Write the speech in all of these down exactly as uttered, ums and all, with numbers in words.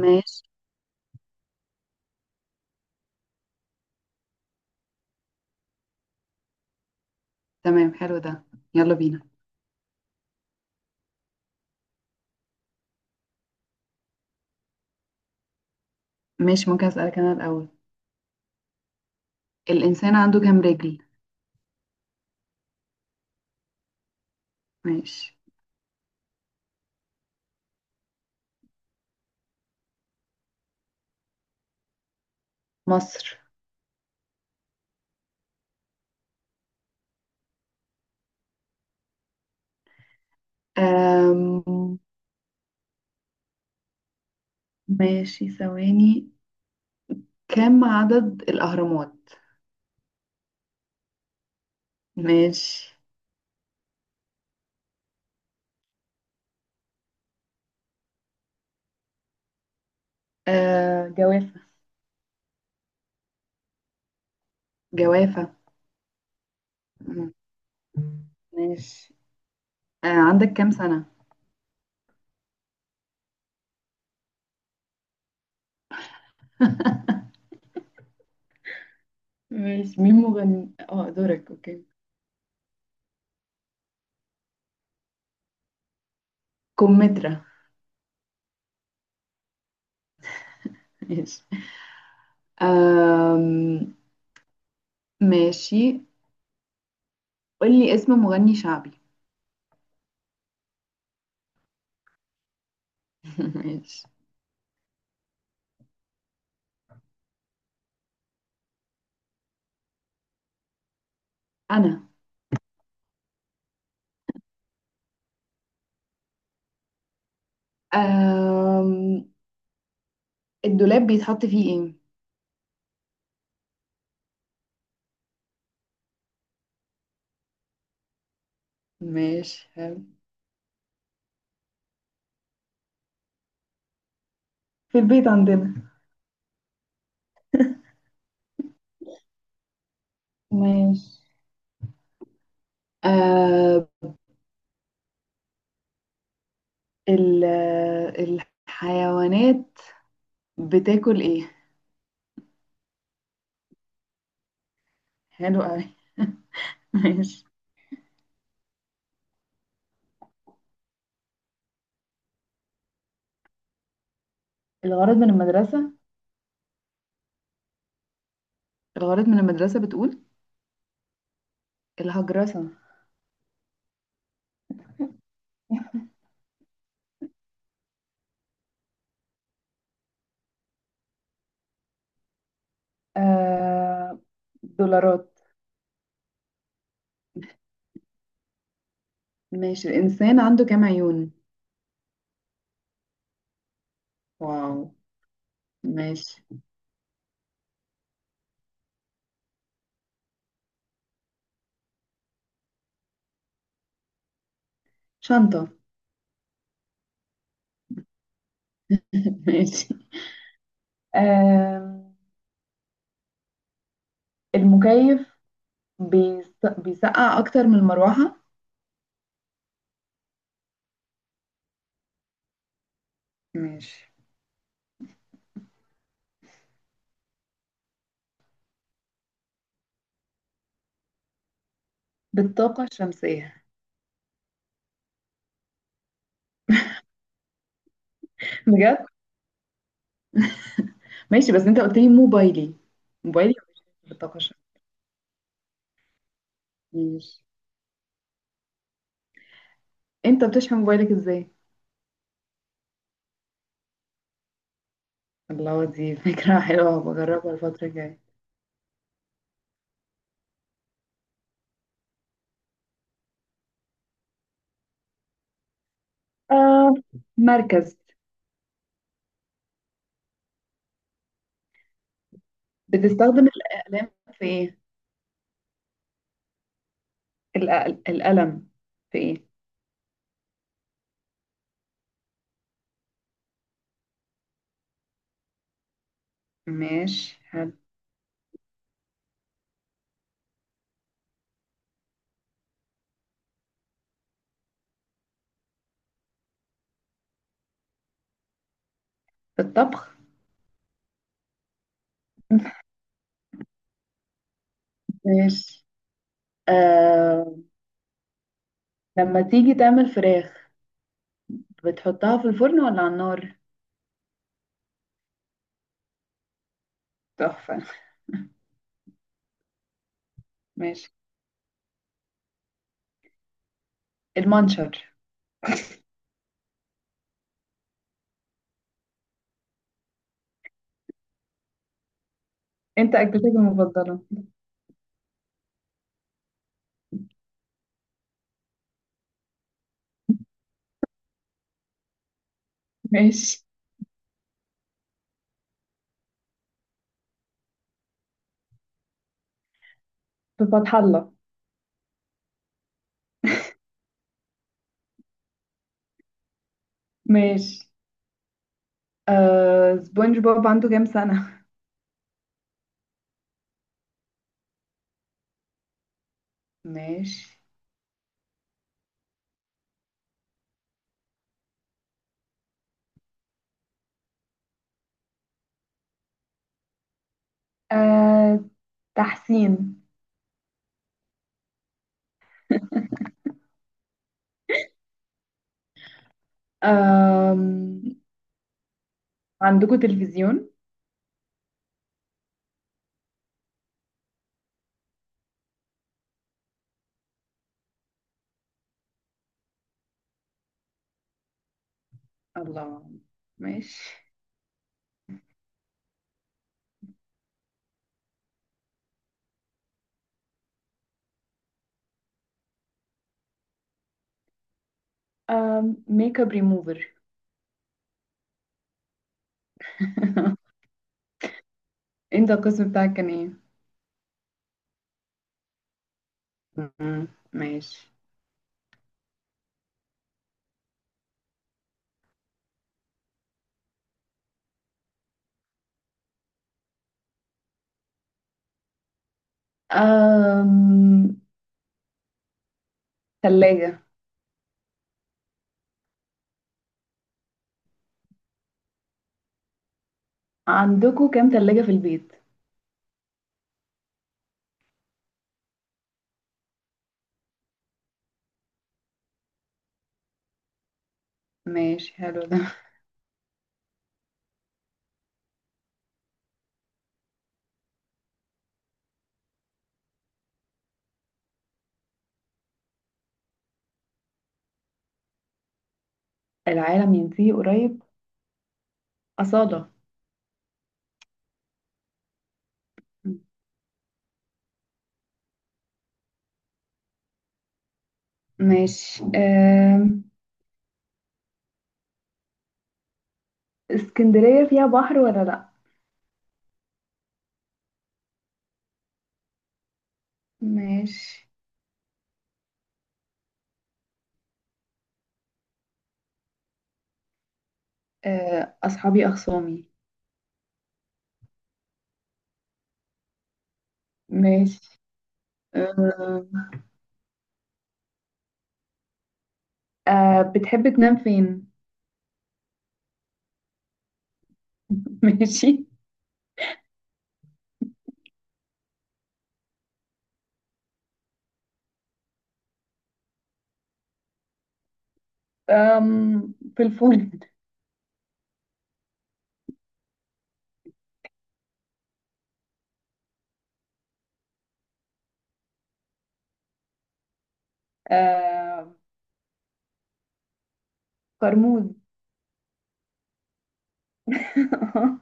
ماشي. تمام، حلو ده. يلا بينا. ماشي، ممكن أسألك أنا الأول. الإنسان عنده كام رجل؟ ماشي. مصر. أم... ماشي، ثواني. كم عدد الأهرامات؟ ماشي. أه... جوافة. جوافة. مم. ماشي. أه... عندك كام سنة؟ ماشي. مين مغني اه دورك؟ اوكي. كمثرى. ماشي. أم... ماشي. قولي اسم مغني شعبي. ماشي. أنا. آم... الدولاب بيتحط فيه ايه؟ ماشي، حلو. في البيت عندنا. ماشي. آه... ال... الحيوانات بتاكل ايه؟ حلو قوي. ماشي. الغرض من المدرسة، الغرض من المدرسة بتقول، الهجرسة. آه... دولارات. ماشي. الإنسان عنده كام عيون؟ واو. ماشي. شنطة. ماشي. آه... المكيف بيس... بيسقع أكتر من المروحة. ماشي. بالطاقة الشمسية. بجد. ماشي، بس انت قلت لي موبايلي. موبايلي مش بالطاقة الشمسية. ماشي، انت بتشحن موبايلك ازاي؟ الله، دي فكرة حلوة بجربها الفترة الجاية. آه مركز. بتستخدم الأقلام في ايه؟ الأقل... القلم في ايه؟ ماشي، حلو. بالطبخ. ماشي. آه لما تيجي تعمل فراخ بتحطها في الفرن ولا على النار؟ تحفة. ماشي. المنشر. انت اكلتك المفضله؟ ماشي. في فتح الله. ماشي. آه سبونج بوب عنده كام سنة؟ ماشي. آه تحسين. آم... عندكم تلفزيون؟ الله. ماشي. آم... ميك اب ريموفر. انت القسم بتاعك كان ايه؟ مم. ماشي. آم... تلاجة. عندكم كام تلاجة في البيت؟ ماشي، حلو ده. العالم ينتهي قريب، أصالة. ماشي. آم... اسكندرية فيها بحر ولا لأ؟ ماشي. آه، أصحابي أخصامي. ماشي. أه أه بتحب تنام فين؟ ماشي. أم في الفول. أه كرموز.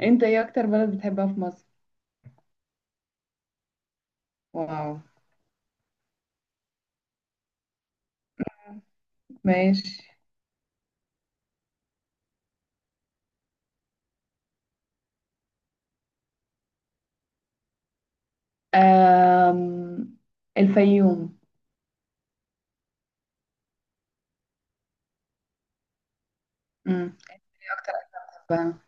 أنت إيه أكتر بلد بتحبها في مصر؟ واو. ماشي. أم الفيوم. مم. إيه أكتر بحبها؟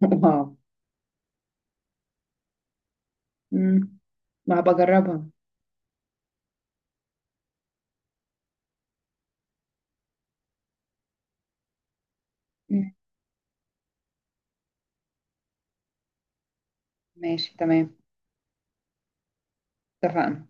واو. مم. ما بجربها. مم. ماشي، تمام. اتفقنا.